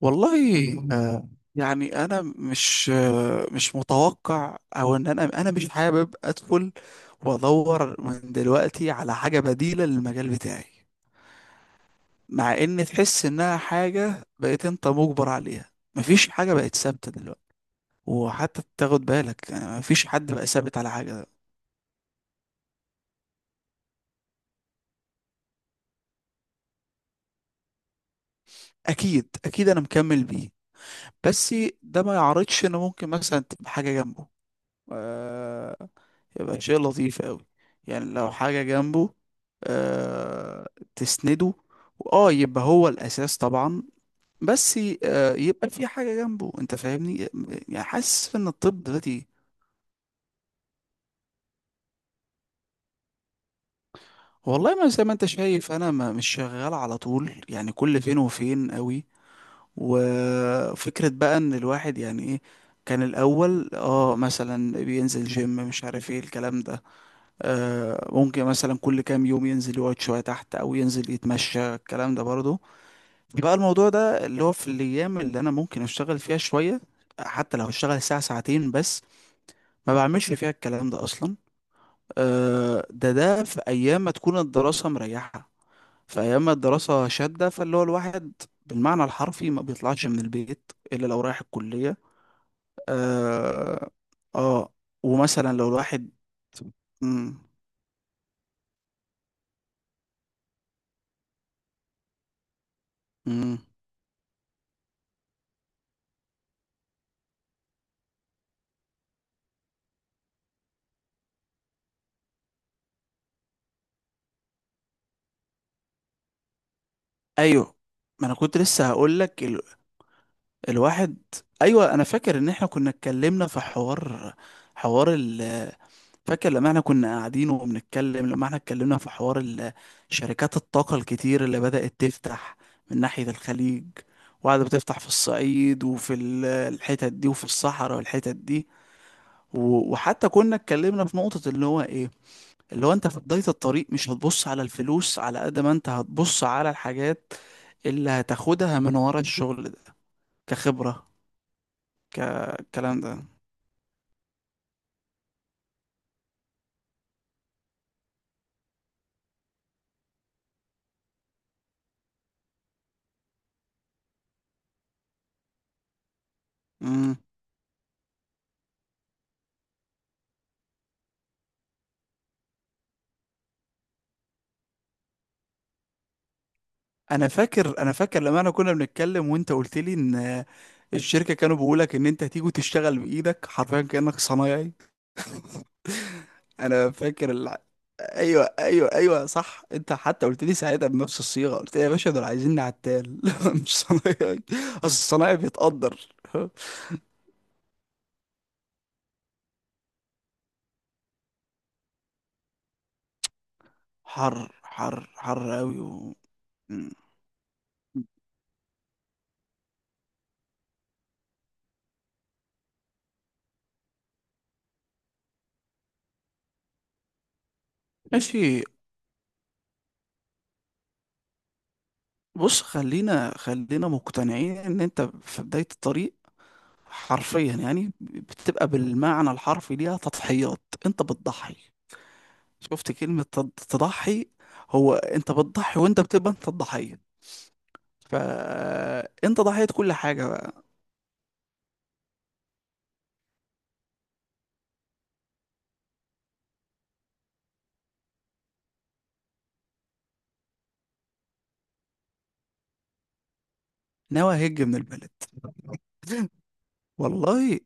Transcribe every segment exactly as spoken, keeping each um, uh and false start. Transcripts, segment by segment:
والله، آه، يعني انا مش آه، مش متوقع او ان انا انا مش حابب ادخل وادور من دلوقتي على حاجه بديله للمجال بتاعي، مع ان تحس انها حاجه بقيت انت مجبر عليها. مفيش حاجه بقت ثابته دلوقتي، وحتى تاخد بالك يعني مفيش حد بقى ثابت على حاجه. اكيد اكيد انا مكمل بيه، بس ده ما يعرضش ان ممكن مثلا تبقى حاجه جنبه. آه، يبقى شيء لطيف قوي. يعني لو حاجة جنبه آه تسنده، اه يبقى هو الأساس طبعا. بس ي- آه يبقى في حاجة جنبه، انت فاهمني. يعني حاسس ان الطب دلوقتي، والله ما زي ما انت شايف، انا ما مش شغال على طول، يعني كل فين وفين قوي. وفكرة بقى ان الواحد يعني ايه، كان الاول اه مثلا بينزل جيم، مش عارف ايه الكلام ده. آه، ممكن مثلا كل كام يوم ينزل يقعد شوية تحت أو ينزل يتمشى، الكلام ده برضه. بقى الموضوع ده اللي هو في الأيام اللي أنا ممكن أشتغل فيها شوية، حتى لو هشتغل ساعة ساعتين بس، ما بعملش فيها الكلام ده أصلا. آه، ده ده في أيام ما تكون الدراسة مريحة، في أيام ما الدراسة شادة، فاللي هو الواحد بالمعنى الحرفي ما بيطلعش من البيت إلا لو رايح الكلية. آه, آه ومثلا لو الواحد. مم. مم. ايوه، ما انا كنت لسه هقول لك ال... الواحد. ايوه، انا فاكر ان احنا كنا اتكلمنا في حوار، حوار ال... فاكر لما احنا كنا قاعدين وبنتكلم، لما احنا اتكلمنا في حوار ال... شركات الطاقة الكتير اللي بدأت تفتح من ناحية الخليج، وقاعدة بتفتح في الصعيد وفي ال- الحتت دي وفي الصحراء والحتت دي. و... وحتى كنا اتكلمنا في نقطة اللي هو ايه، اللي هو انت في بداية الطريق، مش هتبص على الفلوس على قد ما انت هتبص على الحاجات اللي هتاخدها من ورا الشغل ده، كخبرة، كالكلام ده. مم. انا فاكر انا فاكر لما انا كنا بنتكلم، وانت قلت لي ان الشركة كانوا بيقولك ان انت هتيجي تشتغل بايدك حرفيا كأنك صنايعي. انا فاكر الع... ايوه ايوه ايوه، صح، انت حتى قلت لي ساعتها بنفس الصيغة، قلت لي يا باشا دول عايزيني عتال مش صنايعي. اصل الصنايعي بيتقدر. حر حر حر قوي و... مم. ماشي. بص، خلينا خلينا مقتنعين ان انت في بداية الطريق، حرفيا يعني، بتبقى بالمعنى الحرفي ليها تضحيات. انت بتضحي. شفت كلمة تض- تضحي؟ هو انت بتضحي، وانت بتبقى انت الضحية، فانت ضحية كل حاجة بقى. ناوي هج من البلد. والله،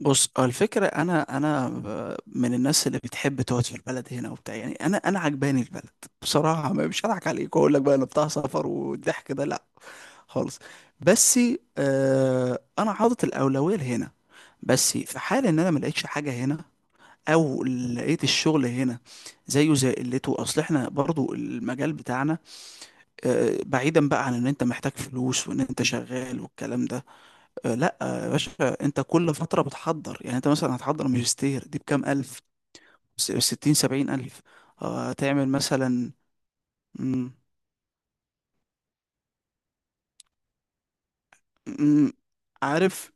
بص هو الفكرة، أنا أنا ب- من الناس اللي بتحب تقعد في البلد هنا وبتاع. يعني أنا أنا عجباني البلد بصراحة، ما- مش هضحك عليك وأقول لك بقى أنا بتاع سفر والضحك ده، لأ خالص. بس آه أنا حاطط الأولوية لهنا، بس في حال إن أنا ما لقيتش حاجة هنا، أو لقيت الشغل هنا زيه زي قلته. أصل إحنا برضو المجال بتاعنا، آه بعيدا بقى عن إن أنت محتاج فلوس وإن أنت شغال والكلام ده. آه، لا آه، يا باشا، انت كل فترة بتحضر. يعني انت مثلا هتحضر ماجستير دي بكام ألف؟ س- ستين سبعين ألف. آه، هتعمل مثلا. مم، مم، عارف.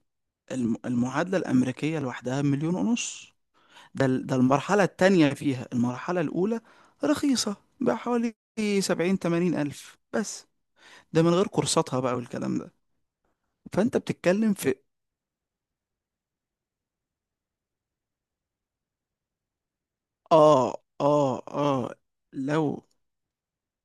الم- المعادلة الأمريكية لوحدها مليون ونص. ده ال- ده المرحلة التانية فيها، المرحلة الأولى رخيصة بحوالي سبعين تمانين ألف بس، ده من غير كورساتها بقى والكلام ده. فأنت بتتكلم في آه آه آه لو،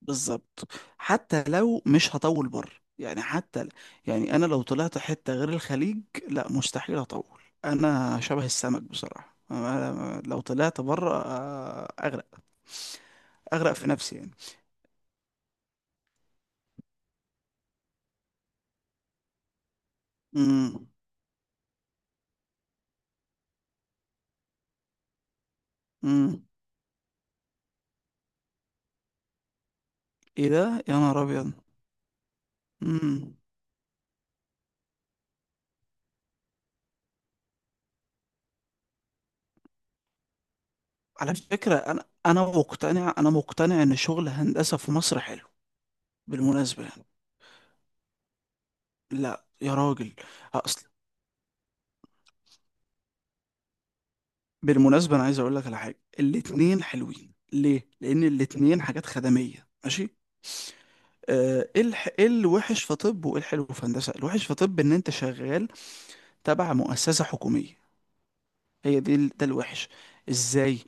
بالظبط. حتى لو مش هطول بره، يعني حتى ل- يعني انا لو طلعت حتة غير الخليج لا، مستحيل اطول. انا شبه السمك بصراحة، أنا لو طلعت بره آه، اغرق. اغرق في نفسي يعني. امم. امم. ايه ده، يا نهار ابيض. امم. على فكرة انا، انا مقتنع انا مقتنع ان شغل هندسة في مصر حلو، بالمناسبة يعني. لا يا راجل. بالمناسبة أنا عايز أقول لك على حاجة. الاتنين حلوين ليه؟ لأن الاتنين حاجات خدمية، ماشي؟ آه، إيه الح... إيه الوحش في طب وإيه الحلو في هندسة؟ الوحش في طب إن أنت شغال تبع مؤسسة حكومية. هي دي ال- ده الوحش. إزاي؟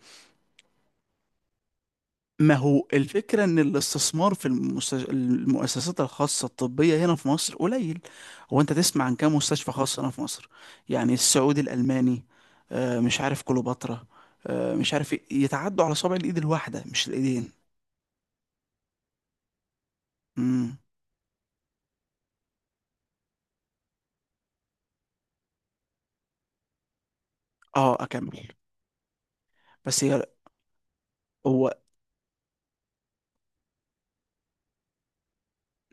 ما هو الفكرة إن الاستثمار في المست... المؤسسات الخاصة الطبية هنا في مصر قليل. هو أنت تسمع عن كام مستشفى خاص هنا في مصر؟ يعني السعودي الألماني، آه، مش عارف كليوباترا، آه، مش عارف إيه، يتعدوا على صابع الإيد الواحدة مش الإيدين. امم. اه، اكمل. بس هي هو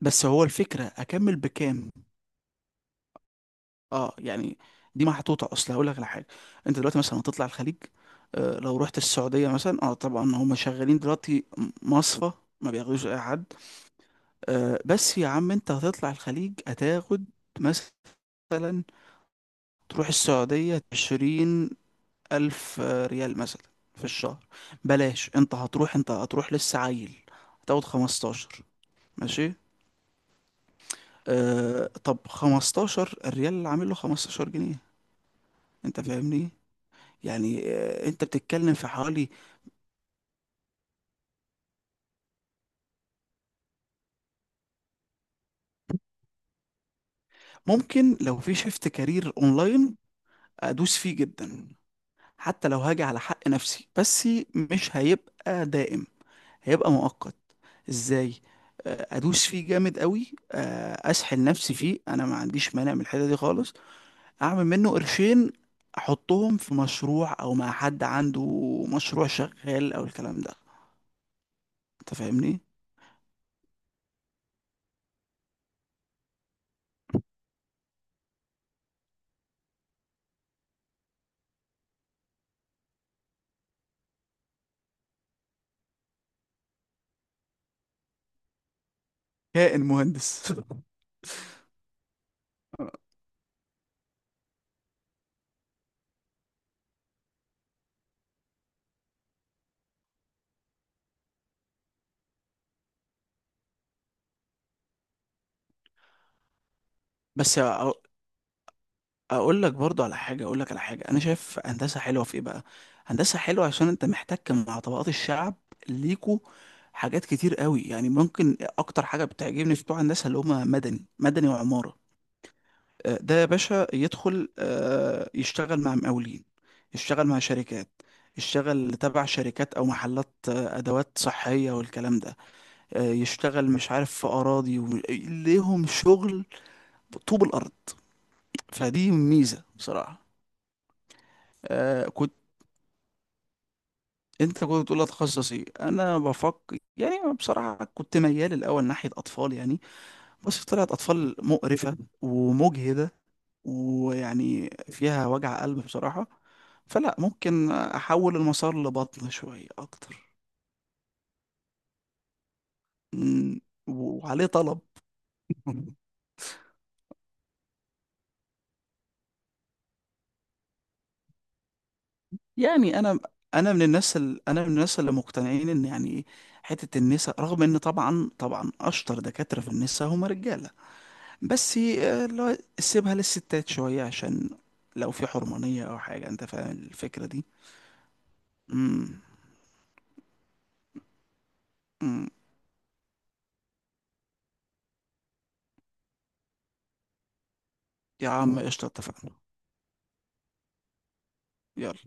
بس هو الفكره، اكمل بكام؟ اه يعني، دي محطوطه، اصل هقول لك على حاجه. انت دلوقتي مثلا هتطلع الخليج، آه لو رحت السعوديه مثلا، اه طبعا هم شغالين دلوقتي، م- مصفى، ما بياخدوش اي حد. آه بس يا عم، انت هتطلع الخليج هتاخد مثلا، تروح السعوديه عشرين الف آه، ريال مثلا في الشهر. بلاش، انت هتروح انت هتروح لسه عيل، هتاخد خمستاشر، ماشي. آه طب خمستاشر، الريال اللي عامل له خمستاشر جنيه، انت فاهمني. يعني آه انت بتتكلم في حوالي. ممكن لو في شيفت كارير اونلاين، ادوس فيه جدا، حتى لو هاجي على حق نفسي. بس مش هيبقى دائم، هيبقى مؤقت. ازاي؟ آه ادوس فيه جامد قوي، آه اسحل نفسي فيه، انا ما عنديش مانع من الحته دي خالص. اعمل منه قرشين، احطهم في مشروع او مع حد عنده مشروع شغال او الكلام ده، انت فاهمني. كائن مهندس. بس أ- اقول لك برضو على حاجه، اقول لك على حاجه، انا شايف هندسه حلوه في ايه بقى، هندسه حلوه عشان انت محتك مع طبقات الشعب. ليكوا حاجات كتير قوي، يعني ممكن اكتر حاجه بتعجبني في بتوع هندسه، اللي هم مدني مدني وعماره. آه، ده يا باشا يدخل آه، يشتغل مع مقاولين، يشتغل مع شركات، يشتغل تبع شركات او محلات آه، ادوات صحيه والكلام ده، آه، يشتغل مش عارف في اراضي و- ليهم شغل، طوب الارض. فدي ميزة بصراحة. آه كنت، انت كنت بتقول اتخصص ايه؟ انا بفكر يعني بصراحة، كنت ميال الاول ناحية اطفال يعني، بس طلعت اطفال مقرفة ومجهدة، ويعني فيها وجع قلب بصراحة. فلا، ممكن احول المسار لبطن شوية اكتر. مم، وعليه طلب. يعني انا، انا من الناس ال... انا من الناس اللي مقتنعين ان يعني، حتة النساء، رغم ان طبعا طبعا اشطر دكاترة في النساء هم رجالة، بس آه، اللي هو سيبها للستات شوية، عشان لو في حرمانية أو حاجة، أنت فاهم الفكرة دي. امم. أمم. يا عم قشطة، اتفقنا. يلا.